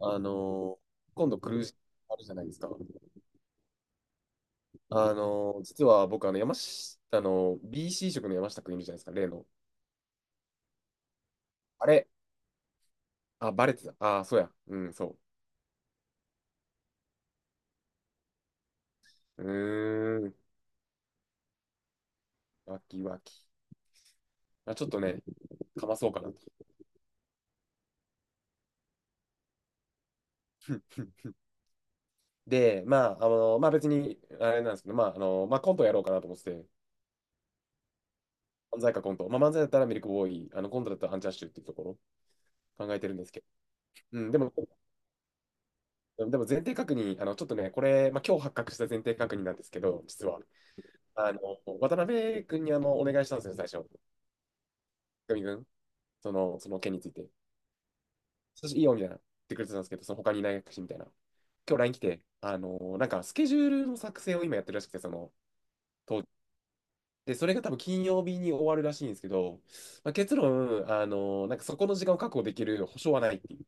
あの、今度クルージングあるじゃないですか。実は僕、山下BC 職の山下くんいるじゃないですか、例の。あれ、あ、バレてた。あ、そうや。うん、そう。うーん、わきわき。まあ、ちょっとね、かまそうかなと。で、まあ、まあ別に、あれなんですけど、まあ、まあコントやろうかなと思ってて、漫才かコント。まあ漫才だったらミルクボーイ、コントだったらアンジャッシュっていうところ考えてるんですけど。うん、でも前提確認、ちょっとね、これ、まあ今日発覚した前提確認なんですけど、実は。あの、渡辺君にお願いしたんですよね、最初。久美君、その件について。そしていいよ、みたいな。言ってくれてたんですけど、その他にいないし、みたいな。今日 LINE 来て、なんかスケジュールの作成を今やってるらしくて、その、当時で、それが多分金曜日に終わるらしいんですけど、まあ、結論、なんかそこの時間を確保できる保証はないっていう。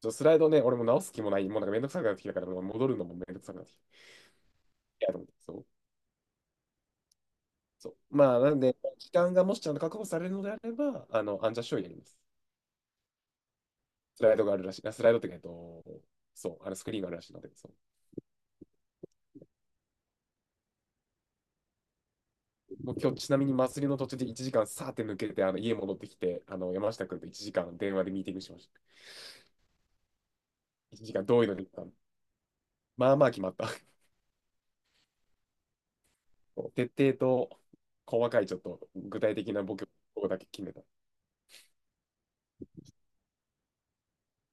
ちょスライドね、俺も直す気もない。もうなんかめんどくさくなってきたから、もう戻るのもめんどくさくなってきた。いや、と思って、そう。そう。まあ、なんで、時間がもしちゃんと確保されるのであれば、アンジャッシュをやります。スライドがあるらしい。あスライドってか、そう、あのスクリーンがあるらしいので、そうもう今日ちなみに祭りの途中で1時間さーって抜けて、あの家戻ってきて、あの山下君と1時間電話でミーティングしました。1時間どういうのに行ったのまあまあ決まった。徹底と細かいちょっと具体的なボケをだけ決めた。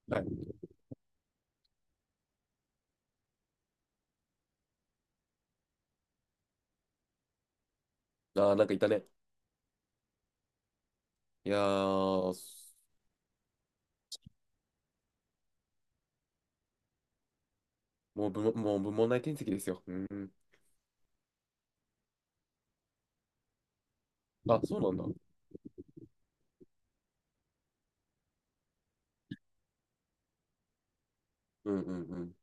はい、ああ、なんかいたね。いやー、もう部門内転籍ですよ。うん。あ、そうなんだ。うんうんうん。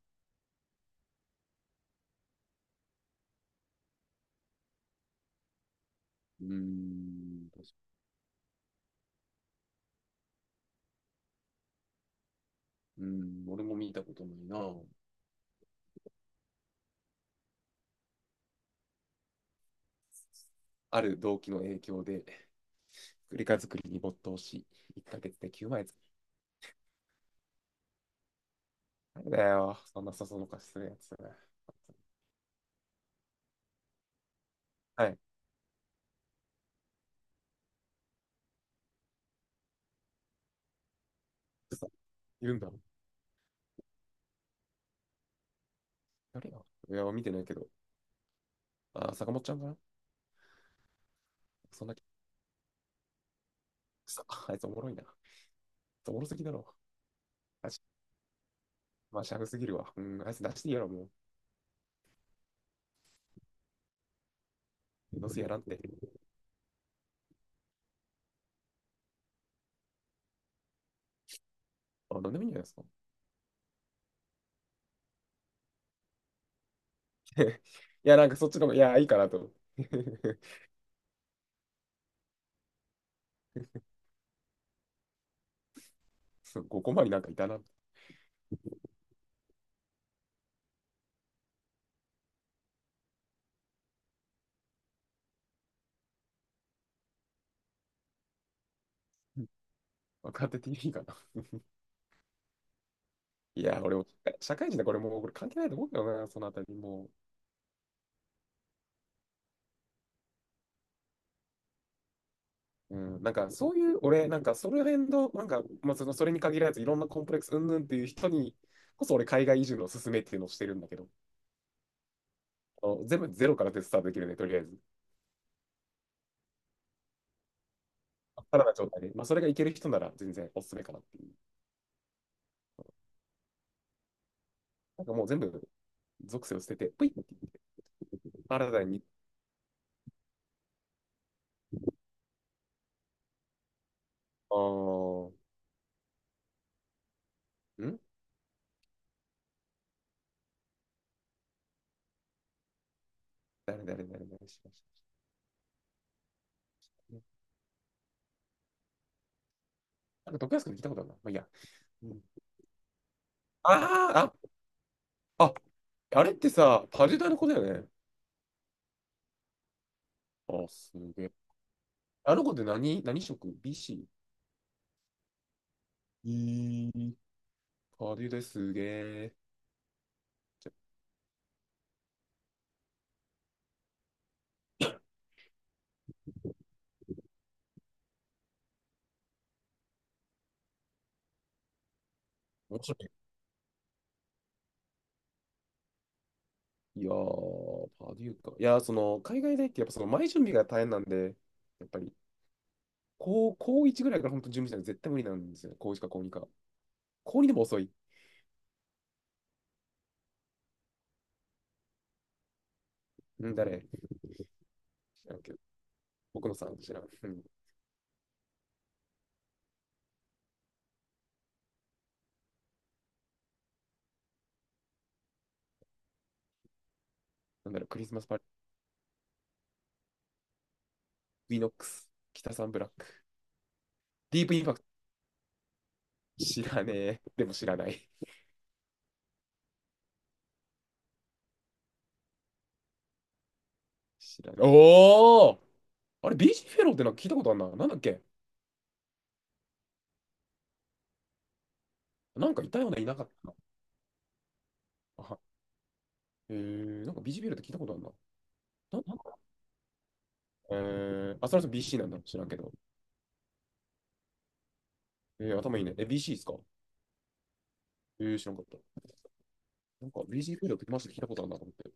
うーん、確かうん、俺も見たことないな。ある動機の影響で、作りに没頭し、1ヶけで9枚作る。なんだよ、そんな誘そのかしするやつ。はい。くそ、いるんだ。誰よ。いや、見てないけど。あ、坂本ちゃんかなそんな、さ、あいつおもろいな。おもろすぎだろ。あし、まあ、シャフすぎるわ。うん、あいつ出していいやろ、もう。どうせやらんって。あ、なんでもいいんじゃないですか。いや、なんかそっちの方が、いや、いいかなと思って。そう、5コマになんかいたな。若手いいかな。いや、俺も、社会人だ、これもう、これ関係ないと思うけどな、そのあたり。もう、うん、なんかそういう、俺、なんかその辺の、なんか、まあ、そのそれに限らず、いろんなコンプレックスうんぬんっていう人にこそ、俺、海外移住のおすすめっていうのをしてるんだけど、全部ゼロからでスタートできるね、とりあえず。さらな状態で、まあ、それがいける人なら全然おすすめかなっていう。なんかもう全部属性を捨てて、ぷいって言って、新たに、あー、ん誰しましたね。なんか、徳安君聞いたことあるな。まあ、いいや。うん、あー、あ、あ、あれってさ、パジュダの子だよね。あ、すげえ。あの子って何、何職？ BC？ えー、パデューですげえ。じゃ面白い。いやー、パデューか。いやー、その、海外大ってやっぱその前準備が大変なんで、やっぱり、高1ぐらいから本当準備しないと絶対無理なんですよね。高1か高2か。高2でも遅い。うん、誰知らんけど。僕のさん知らん。うん。なんだろう、クリスマスパーティー、ウィノックス、北サンブラック、ディープインパクト、知らねえ。でも知らない。知らない。おーあれ、ビージーフェローってなんか聞いたことあんな。なんだっけなんかいたような、いなかったな。あ、えー、なんかビージーフェローって聞いたことあんな。ななんかえー、あ、それは BC なんだ。知らんけど。えー、頭いいね。え、BC ですかえー、知らんかった。なんか BC フードってマジで聞いたことあるなと思って。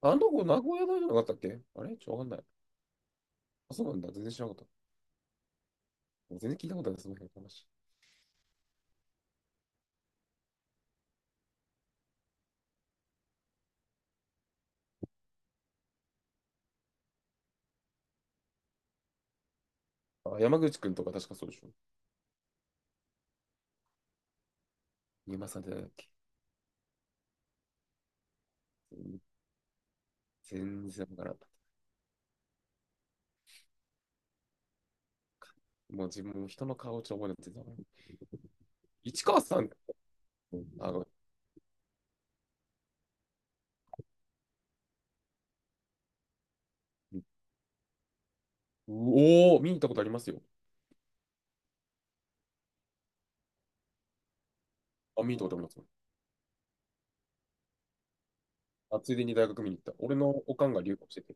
ああの子、名古屋大じゃなかったっけあれちょ、わかんない。あ、そうなんだ。全然知らなかった。もう全然聞いたことない、その辺の話。あ、山口くんとか確かそうでしょ。山さんじゃないっけ全然わからん。もう自分も人の顔をちょっと覚えなくてた。市川さん、う、見に行ったことありますよ。あ、見に行ったことありますよ。あ、ついでに大学見に行った。俺のおかんが留学してて、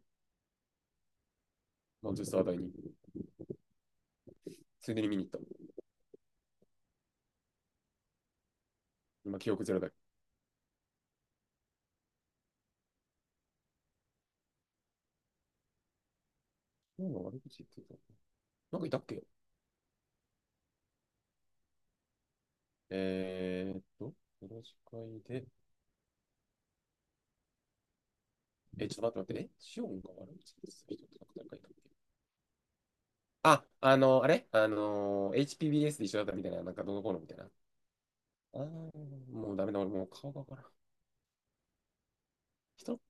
まあ、実は大に、ついでに見に行った。ま記憶ゼロだけど。今悪口言ってた。なんかいたっけえー、っと、よろしくで。え、ちょっと待って。え、シオンが悪口言ってた人ってなんか誰かいたっけあ、あれHPBS で一緒だったみたいな、なんかどのこうのみたいな。あー、もうダメだ、俺もう顔がわからん。人の、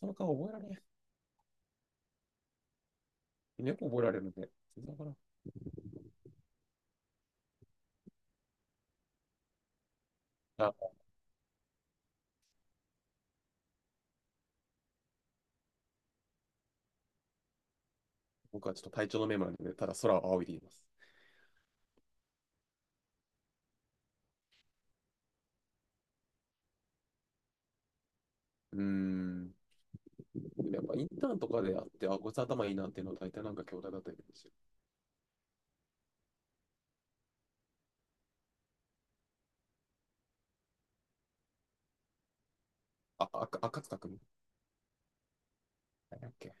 人の顔覚えられない。よく覚えられるんで、全然わからん。あ、僕はちょっと体調のメモなんで、ただ空を仰いでいます。うーん。でもやっぱインターンとかであって、あ、こいつ頭いいなっていうのは大体なんか兄弟だったりするんですよ赤塚くなんだっけ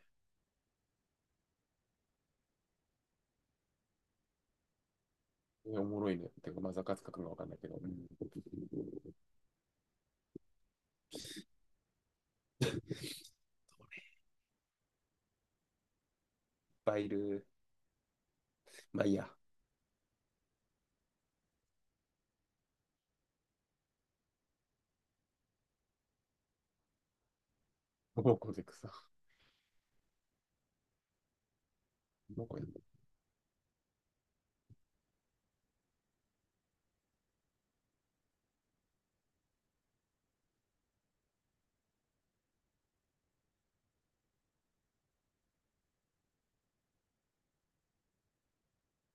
おもろいね。てか、まあ、ザカツカ君がわかんないけど。うんバイル、まあいいや。モモコゼクさん。モや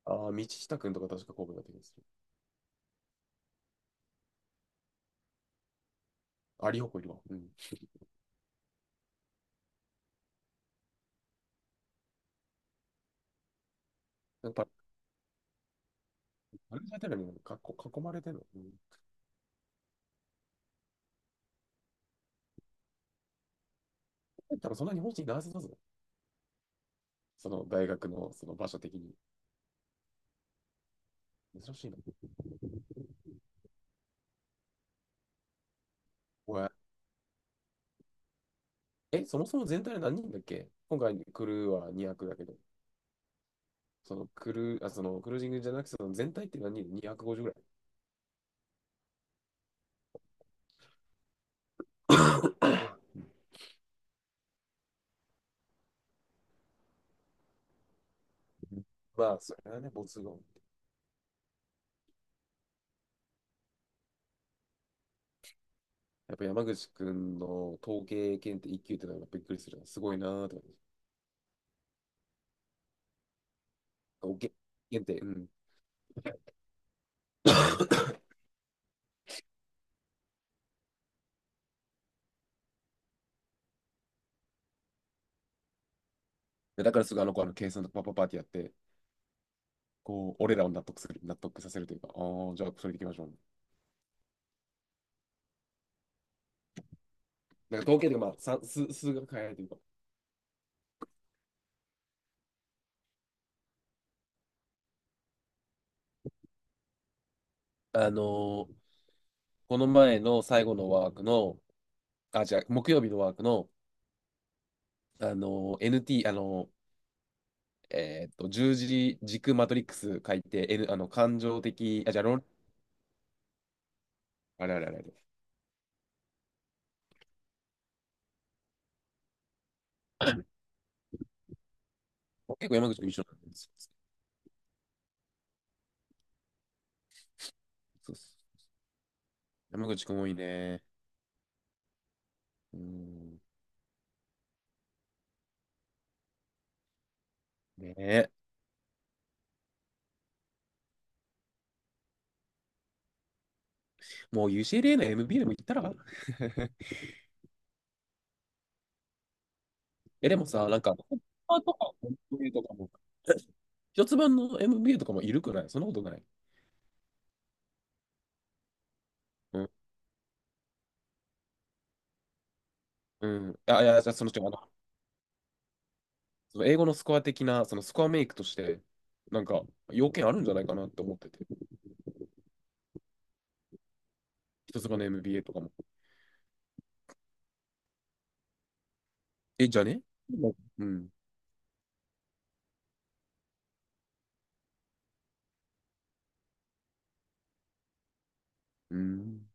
ああ、道下君とか確か神戸だった気がする。あ、リホコいるわ。うん。やっぱ、あれじゃてるのにかっこ囲まれてるの。うん。多分そんなに本人ないはずだぞ。その大学のその場所的に。珍しいな。おやえ、そもそも全体で何人だっけ今回クルーは200だけど、そのクルー、あ、そのクルージングじゃなくて、その全体って何人？ 250 ぐらい。まあ、それはね、没後。やっぱ山口くんの統計検定1級ってのはやっぱびっくりするな。すごいなーとか。おけ検定、うん。でだからすぐあの子あの計算とかパッパッパーってやって、こう、俺らを納得する、納得させるというか、ああ、じゃあそれでいきましょう、ねなんか統計というか、まあ、算数、数学変えないというか。あのーこの前の最後のワークの、あ、じゃ木曜日のワークの、NT、十字軸マトリックス書いて、N、感情的、あ、じゃあ論、あれあれあれあれ。結構山口くん一緒なんです。そうっす山口くん多いね。うん。ねえ。もう UCLA の MBA でも行ったら え、でもさ、なんか、ホッパーとか m b とかも、一つ版の MBA とかもいるくないそんなことない。うん。うん。あ、いや、じゃあその、違うその英語のスコア的な、そのスコアメイクとして、なんか、要件あるんじゃないかなって思ってて。一つ版の MBA とかも。え、じゃねうん。うん。うん